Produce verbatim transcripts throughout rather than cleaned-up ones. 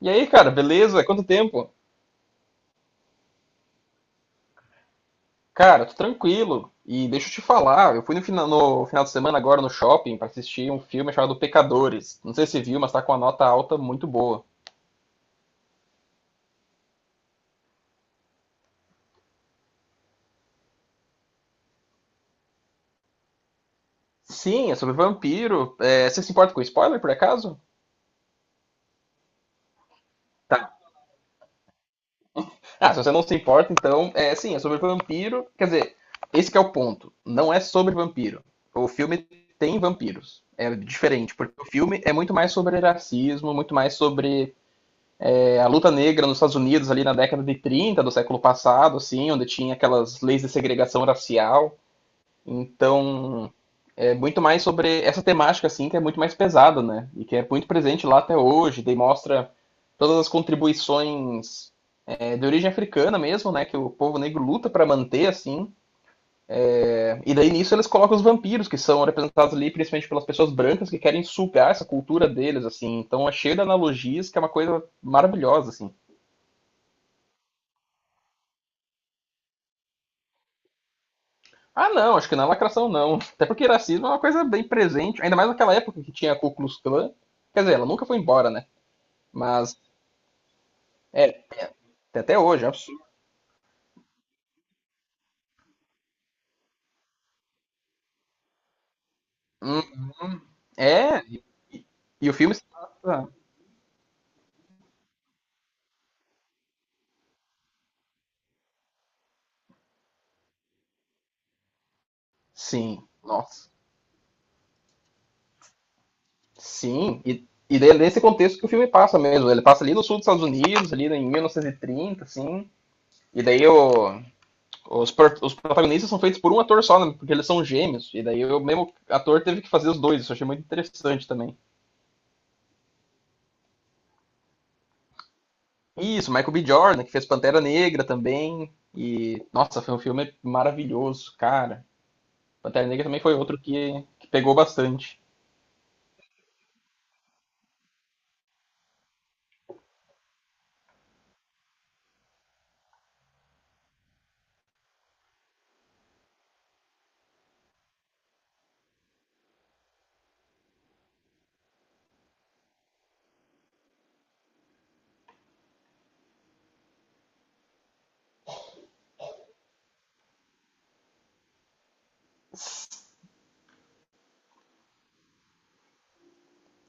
E aí, cara, beleza? Quanto tempo? Cara, tô tranquilo. E deixa eu te falar, eu fui no final, no final de semana agora no shopping pra assistir um filme chamado Pecadores. Não sei se você viu, mas tá com uma nota alta muito boa. Sim, é sobre vampiro. É, você se importa com spoiler, por acaso? Tá. Ah, se você não se importa, então, é, sim, é sobre vampiro. Quer dizer, esse que é o ponto. Não é sobre vampiro. O filme tem vampiros. É diferente, porque o filme é muito mais sobre racismo, muito mais sobre É, a luta negra nos Estados Unidos ali na década de trinta do século passado, assim, onde tinha aquelas leis de segregação racial. Então, é muito mais sobre essa temática, assim, que é muito mais pesada, né? E que é muito presente lá até hoje. Daí mostra todas as contribuições é, de origem africana mesmo, né? Que o povo negro luta para manter, assim. É, e daí nisso eles colocam os vampiros, que são representados ali principalmente pelas pessoas brancas que querem sugar essa cultura deles, assim. Então é cheio de analogias, que é uma coisa maravilhosa, assim. Ah, não, acho que na lacração não. Até porque racismo é uma coisa bem presente, ainda mais naquela época que tinha a Ku Klux Klan. Quer dizer, ela nunca foi embora, né? Mas tem até hoje, é um absurdo. Hum, é, e o filme se passa. Sim, nossa. Sim, e, e daí é nesse contexto que o filme passa mesmo. Ele passa ali no sul dos Estados Unidos, ali em mil novecentos e trinta, assim. E daí o- os, pro- os protagonistas são feitos por um ator só, né? Porque eles são gêmeos. E daí o mesmo ator teve que fazer os dois. Isso eu achei muito interessante também. Isso, Michael B. Jordan, que fez Pantera Negra também. E, nossa, foi um filme maravilhoso, cara. Pantera Negra também foi outro que, que pegou bastante.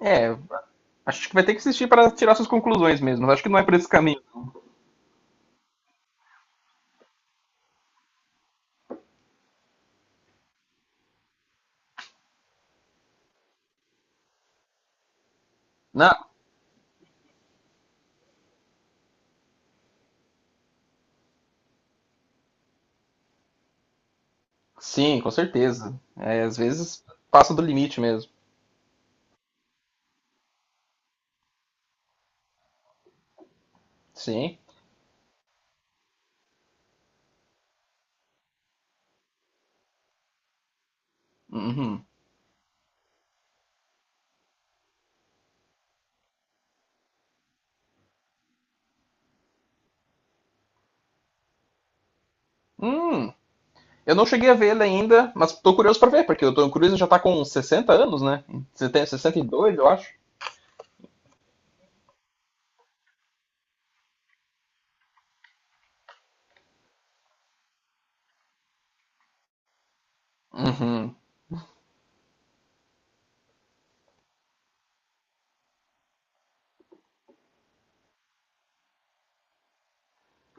É, Acho que vai ter que assistir para tirar suas conclusões mesmo. Mas acho que não é por esse caminho. Não, sim, com certeza. É, às vezes passa do limite mesmo. Sim. Uhum. Hum, eu não cheguei a ver ele ainda, mas tô curioso para ver, porque o Tom Cruise já tá com sessenta anos, né? Você tem sessenta e dois, eu acho. Uhum.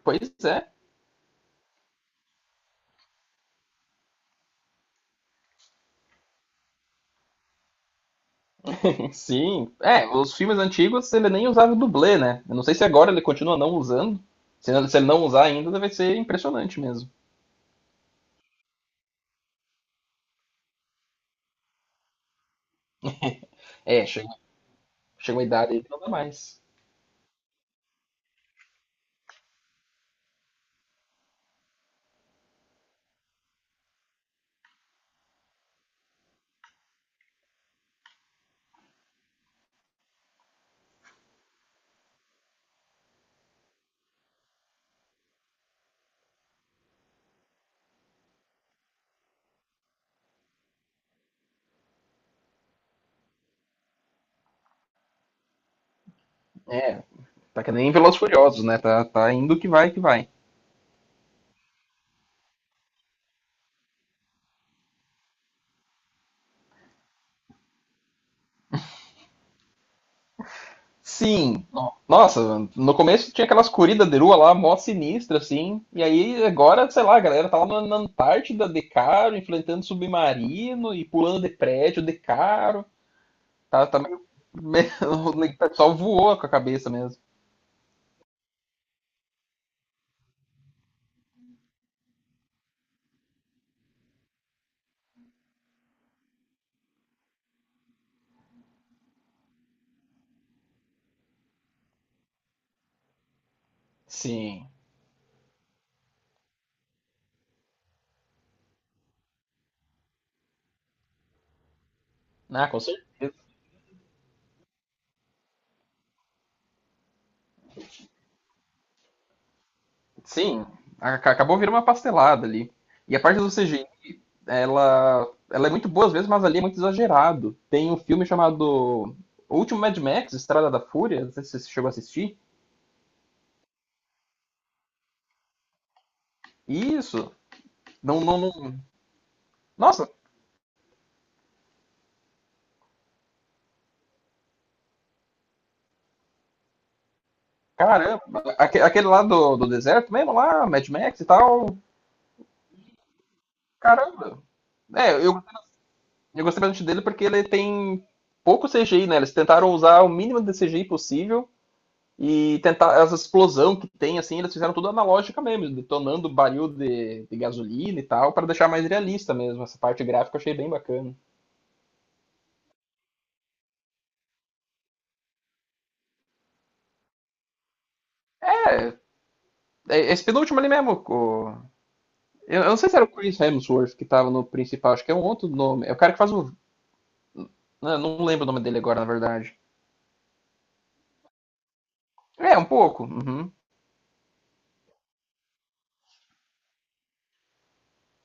Pois é. Sim, é, os filmes antigos ele nem usava dublê, né? Eu não sei se agora ele continua não usando. Se ele se ele não usar ainda, vai ser impressionante mesmo. É, chega, chega uma idade aí que não dá mais. É, tá que nem Velozes e Furiosos, né? Tá, tá indo que vai, que vai. Sim, no- nossa, no começo tinha aquelas corridas de rua lá, mó sinistra, assim. E aí agora, sei lá, a galera tá lá na, na Antártida de caro, enfrentando submarino e pulando de prédio de caro. Tá, tá meio... meio, o pessoal voou com a cabeça mesmo. Sim. Ah, com certeza. Sim. A- a- Acabou virando uma pastelada ali. E a parte do C G I, ela, ela é muito boa às vezes, mas ali é muito exagerado. Tem um filme chamado O Último Mad Max, Estrada da Fúria, não sei se você chegou a assistir. Isso. Não, não, não- nossa, caramba. Aque- Aquele lá do, do deserto mesmo, lá, Mad Max e tal. Caramba. É, eu, eu gostei bastante dele porque ele tem pouco C G I, né? Eles tentaram usar o mínimo de C G I possível e tentar essa explosão que tem, assim, eles fizeram tudo analógica mesmo, detonando baril de, de gasolina e tal, para deixar mais realista mesmo. Essa parte gráfica eu achei bem bacana. É, Esse penúltimo ali mesmo, o- eu, eu não sei se era o Chris Hemsworth que tava no principal, acho que é um outro nome. É o cara que faz o. Não, não lembro o nome dele agora, na verdade. É, um pouco. Uhum.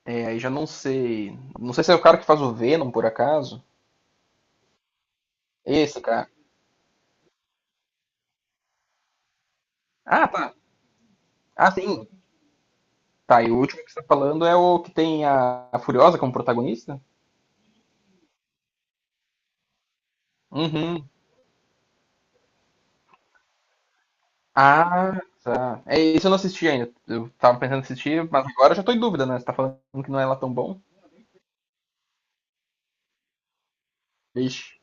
É, aí já não sei. Não sei se é o cara que faz o Venom, por acaso. Esse cara. Ah, tá. Ah, sim. Tá, e o último que você tá falando é o que tem a, a Furiosa como protagonista? Uhum. Ah, tá. É, isso eu não assisti ainda. Eu tava pensando em assistir, mas agora eu já tô em dúvida, né? Você tá falando que não é lá tão bom? Vixe.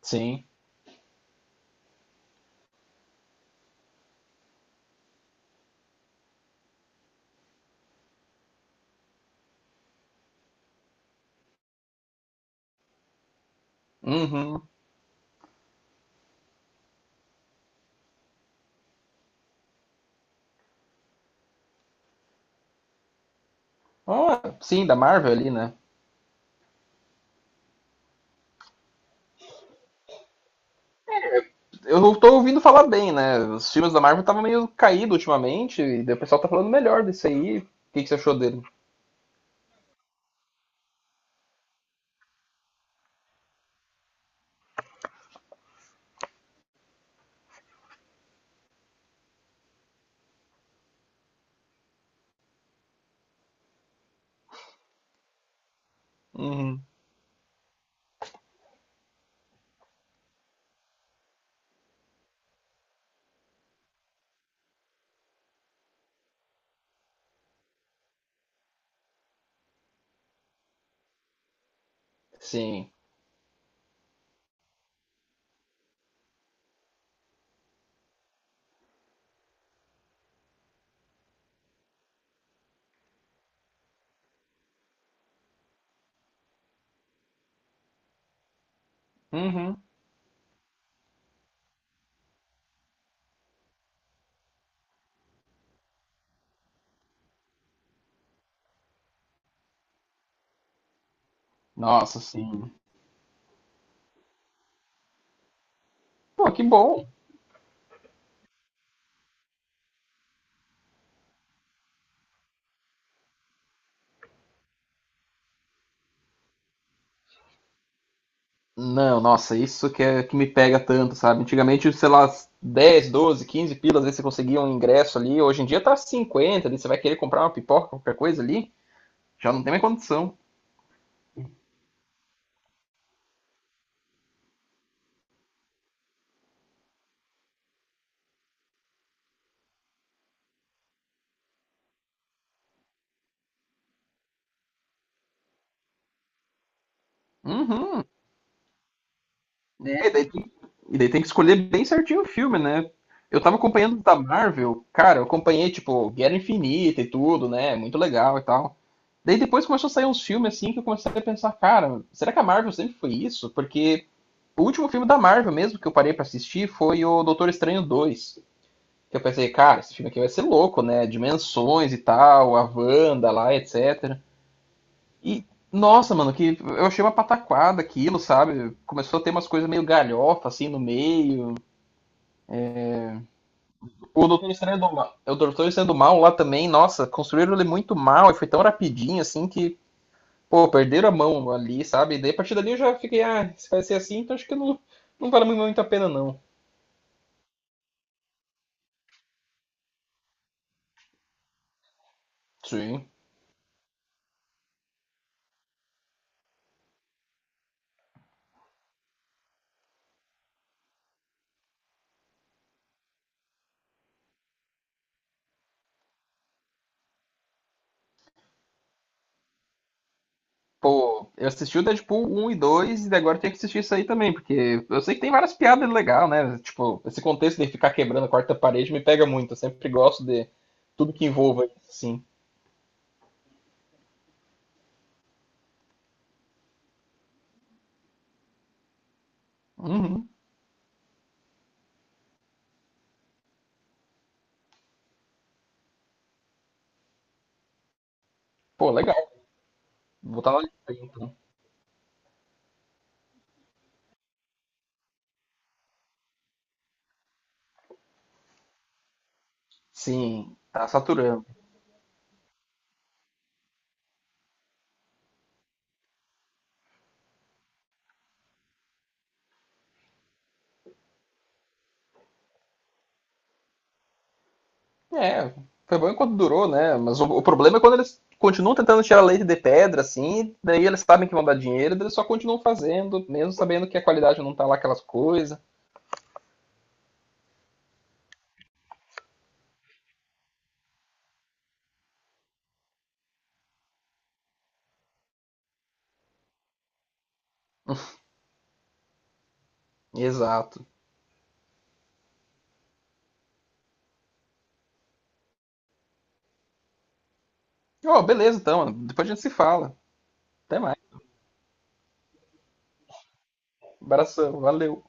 Sim. Uhum. Ah, sim, da Marvel ali, né? Eu tô ouvindo falar bem, né? Os filmes da Marvel estavam meio caídos ultimamente, e daí o pessoal tá falando melhor desse aí. O que que você achou dele? Uhum. Sim. Uhum. Nossa, sim. Pô, que bom. Não, nossa, isso que é que me pega tanto, sabe? Antigamente, sei lá, dez, doze, quinze pilas, às vezes você conseguia um ingresso ali. Hoje em dia tá cinquenta, ali, você vai querer comprar uma pipoca, qualquer coisa ali, já não tem mais condição. Uhum. É, daí tem, e daí tem que escolher bem certinho o filme, né? Eu tava acompanhando da Marvel, cara, eu acompanhei, tipo, Guerra Infinita e tudo, né? Muito legal e tal. Daí depois começou a sair uns filmes assim que eu comecei a pensar, cara, será que a Marvel sempre foi isso? Porque o último filme da Marvel mesmo que eu parei pra assistir foi o Doutor Estranho dois. Que eu pensei, cara, esse filme aqui vai ser louco, né? Dimensões e tal, a Wanda lá, et cetera. E, nossa, mano, que eu achei uma pataquada aquilo, sabe? Começou a ter umas coisas meio galhofa, assim, no meio. O Doutor Estranho do Mal, o Doutor Estranho do Mal lá também, nossa, construíram ele muito mal e foi tão rapidinho, assim, que, pô, perderam a mão ali, sabe? E daí, a partir dali eu já fiquei, ah, se vai ser assim, então acho que não, não vale muito a pena, não. Sim. Pô, eu assisti o Deadpool um e dois e agora eu tenho que assistir isso aí também, porque eu sei que tem várias piadas legais, né? Tipo, esse contexto de ficar quebrando a quarta parede me pega muito. Eu sempre gosto de tudo que envolva isso, assim. Uhum. Pô, legal. Vou botar na lista aí, então. Sim, tá saturando. É, foi bom enquanto durou, né? Mas o, o problema é quando eles continuam tentando tirar leite de pedra, assim, daí eles sabem que vão dar dinheiro, daí eles só continuam fazendo, mesmo sabendo que a qualidade não tá lá aquelas coisas. Exato. Ó, beleza, então. Depois a gente se fala. Até mais. Abração, valeu.